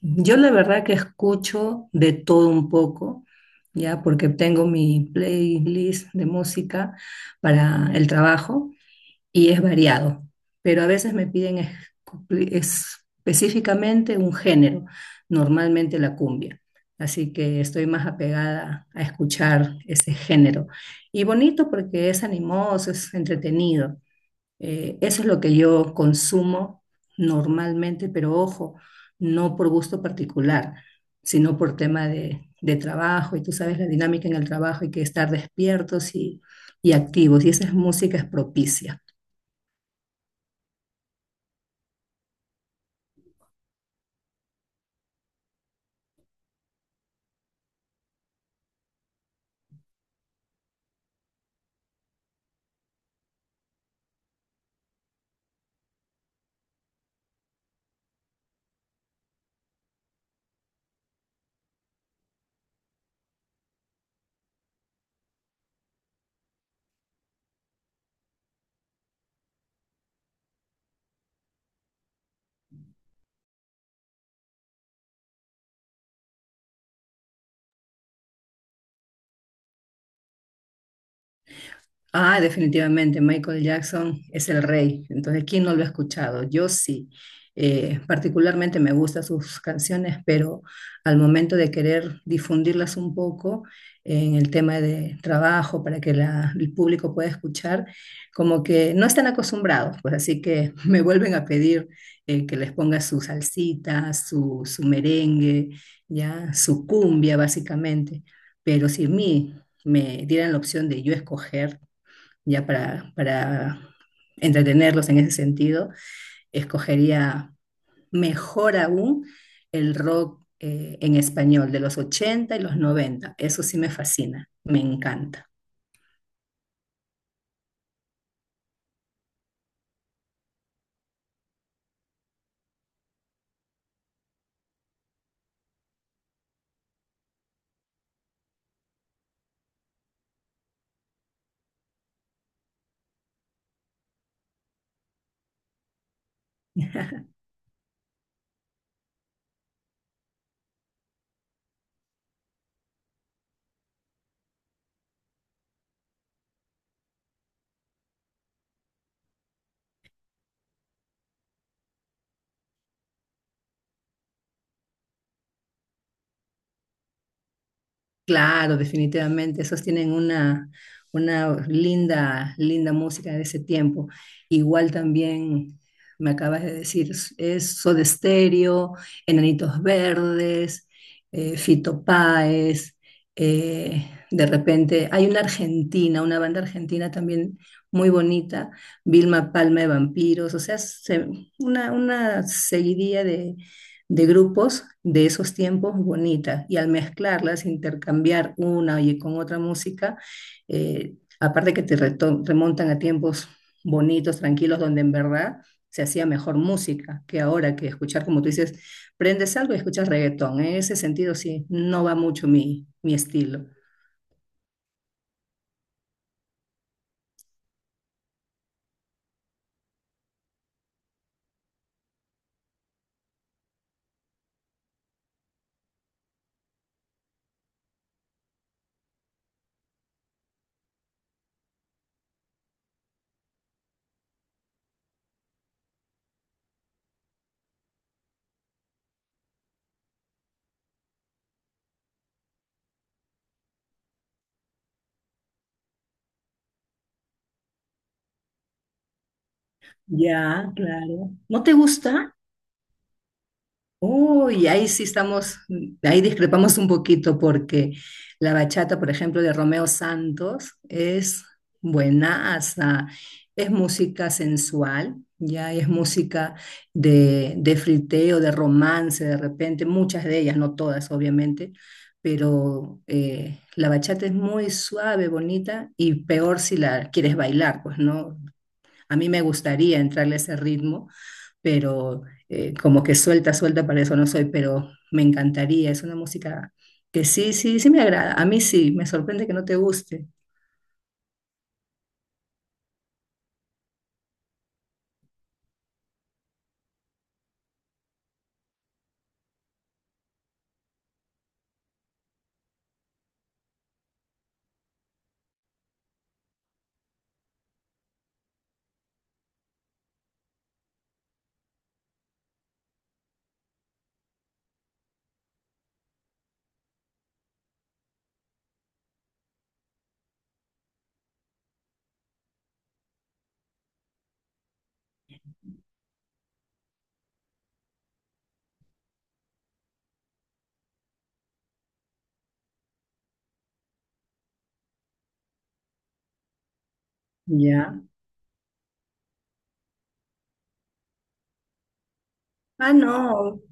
Yo la verdad que escucho de todo un poco, ya porque tengo mi playlist de música para el trabajo y es variado, pero a veces me piden específicamente un género, normalmente la cumbia, así que estoy más apegada a escuchar ese género. Y bonito porque es animoso, es entretenido. Eso es lo que yo consumo normalmente, pero ojo, no por gusto particular, sino por tema de trabajo. Y tú sabes la dinámica en el trabajo, hay que estar despiertos y activos. Y esa es música es propicia. Ah, definitivamente, Michael Jackson es el rey. Entonces, ¿quién no lo ha escuchado? Yo sí. Particularmente me gustan sus canciones, pero al momento de querer difundirlas un poco en el tema de trabajo para que el público pueda escuchar, como que no están acostumbrados, pues así que me vuelven a pedir que les ponga su salsita, su merengue, ya, su cumbia básicamente. Pero si a mí me dieran la opción de yo escoger, ya para entretenerlos en ese sentido, escogería mejor aún el rock en español de los 80 y los 90. Eso sí me fascina, me encanta. Claro, definitivamente, esos tienen una linda, linda música de ese tiempo. Igual también me acabas de decir, es Soda Stereo, Enanitos Verdes, Fito Páez, de repente hay una argentina, una banda argentina también muy bonita, Vilma Palma de Vampiros, o sea, una seguidilla de grupos de esos tiempos bonitas y al mezclarlas, intercambiar una y con otra música, aparte que te remontan a tiempos bonitos, tranquilos, donde en verdad se hacía mejor música que ahora que escuchar, como tú dices, prendes algo y escuchas reggaetón. En ese sentido, sí, no va mucho mi estilo. Ya, claro. ¿No te gusta? Uy, ahí sí estamos, ahí discrepamos un poquito porque la bachata, por ejemplo, de Romeo Santos es buenaza, es música sensual, ya es música de friteo, de romance, de repente, muchas de ellas, no todas, obviamente, pero la bachata es muy suave, bonita y peor si la quieres bailar, pues no, a mí me gustaría entrarle a ese ritmo pero como que suelta, suelta, para eso no soy, pero me encantaría, es una música que sí, sí, sí me agrada, a mí sí, me sorprende que no te guste, ¿ya? Ah, no,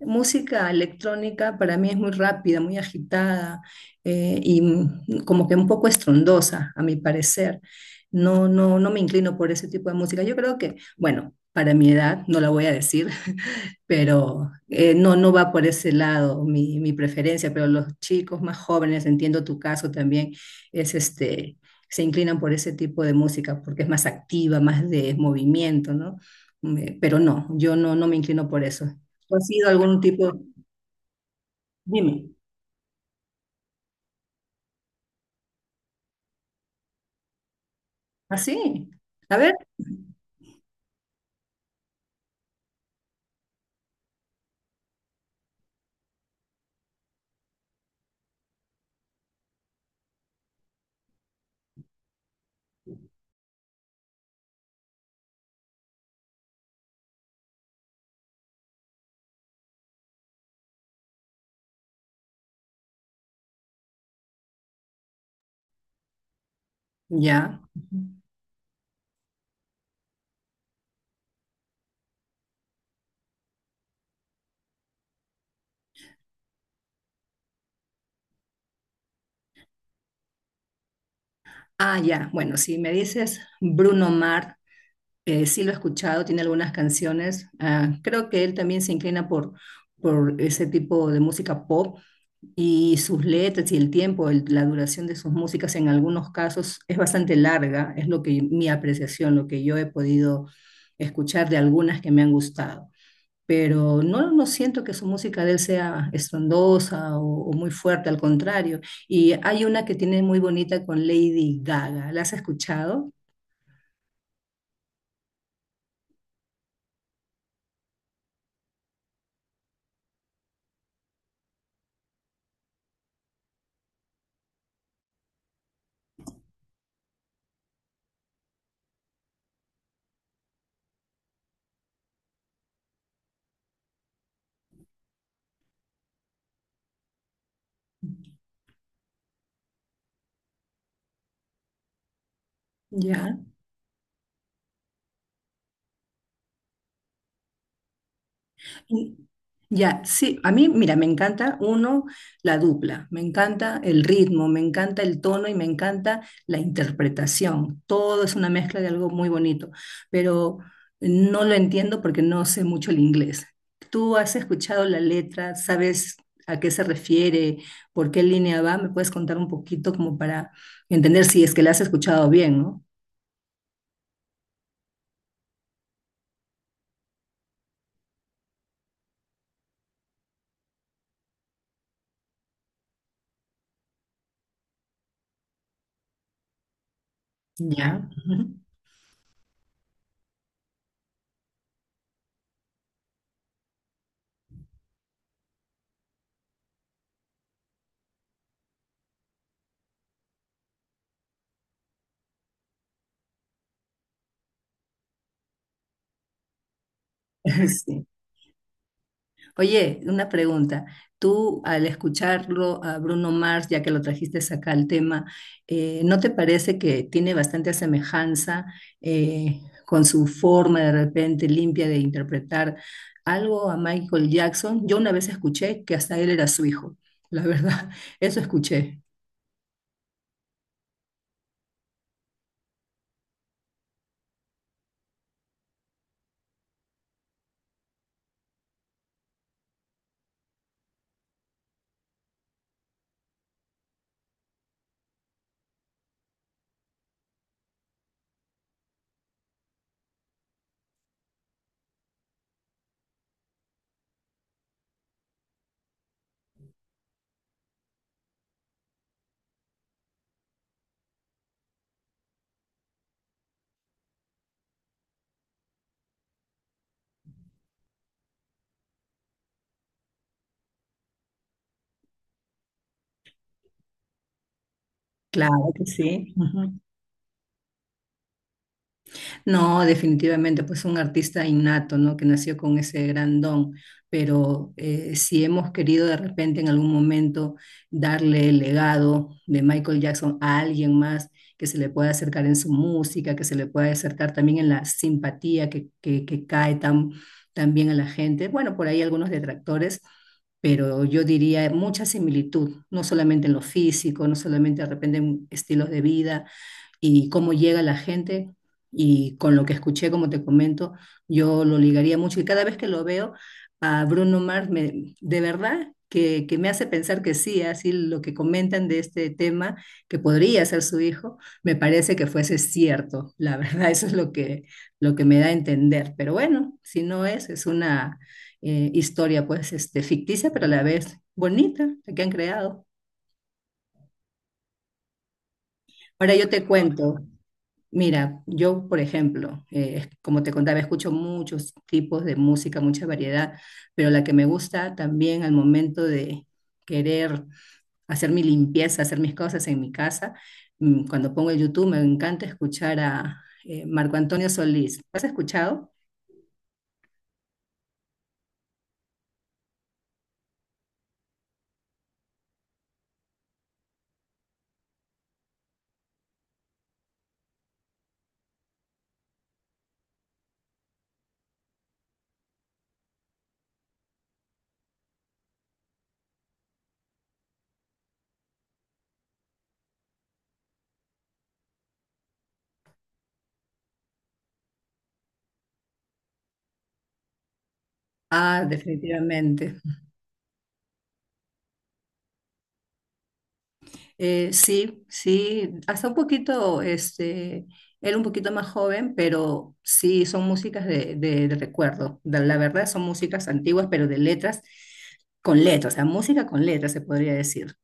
música electrónica para mí es muy rápida, muy agitada y como que un poco estrondosa, a mi parecer. No, no, no me inclino por ese tipo de música. Yo creo que, bueno, para mi edad, no la voy a decir, pero no, no va por ese lado mi preferencia, pero los chicos más jóvenes, entiendo tu caso también, es este, se inclinan por ese tipo de música porque es más activa, más de movimiento, ¿no? Pero no, yo no, no me inclino por eso. ¿Tú has sido algún tipo? Dime. ¿Así? A ver, ya. Ah, ya. Bueno, si me dices Bruno Mars, sí lo he escuchado, tiene algunas canciones. Ah, creo que él también se inclina por ese tipo de música pop y sus letras y el tiempo, la duración de sus músicas en algunos casos es bastante larga, es lo que mi apreciación, lo que yo he podido escuchar de algunas que me han gustado. Pero no, no siento que su música de él sea estrondosa o muy fuerte, al contrario. Y hay una que tiene muy bonita con Lady Gaga. ¿La has escuchado? Ya. Y- Ya, sí, a mí, mira, me encanta uno, la dupla, me encanta el ritmo, me encanta el tono y me encanta la interpretación. Todo es una mezcla de algo muy bonito, pero no lo entiendo porque no sé mucho el inglés. ¿Tú has escuchado la letra? ¿Sabes a qué se refiere? ¿Por qué línea va? ¿Me puedes contar un poquito como para entender si es que la has escuchado bien, ¿no? Ya. Ujú. Sí. Oye, una pregunta. Tú al escucharlo a Bruno Mars, ya que lo trajiste acá al tema, ¿no te parece que tiene bastante semejanza eh, con su forma de repente limpia de interpretar algo a Michael Jackson? Yo una vez escuché que hasta él era su hijo, la verdad, eso escuché. Claro que sí. No, definitivamente, pues un artista innato, ¿no? Que nació con ese gran don, pero si hemos querido de repente en algún momento darle el legado de Michael Jackson a alguien más que se le pueda acercar en su música, que se le pueda acercar también en la simpatía que cae tan, tan bien a la gente, bueno, por ahí algunos detractores pero yo diría mucha similitud, no solamente en lo físico, no solamente de repente en estilos de vida, y cómo llega la gente. Y con lo que escuché, como te comento, yo lo ligaría mucho. Y cada vez que lo veo a Bruno Mars, de verdad que me hace pensar que sí, así lo que comentan de este tema, que podría ser su hijo, me parece que fuese cierto. La verdad, eso es lo que me da a entender. Pero bueno, si no es, es una historia pues este, ficticia, pero a la vez bonita, la que han creado. Ahora yo te cuento. Mira, yo, por ejemplo, como te contaba, escucho muchos tipos de música, mucha variedad, pero la que me gusta también al momento de querer hacer mi limpieza, hacer mis cosas en mi casa, mm, cuando pongo el YouTube, me encanta escuchar a Marco Antonio Solís. ¿Has escuchado? Ah, definitivamente. Sí, sí, hasta un poquito, este, él un poquito más joven, pero sí, son músicas de recuerdo. La verdad son músicas antiguas, pero de letras con letras, o sea, música con letras se podría decir.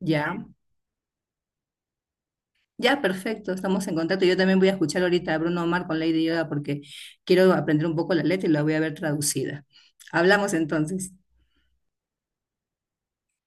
Ya, ya, perfecto, estamos en contacto. Yo también voy a escuchar ahorita a Bruno Mars con Lady Gaga porque quiero aprender un poco la letra y la voy a ver traducida. Hablamos entonces.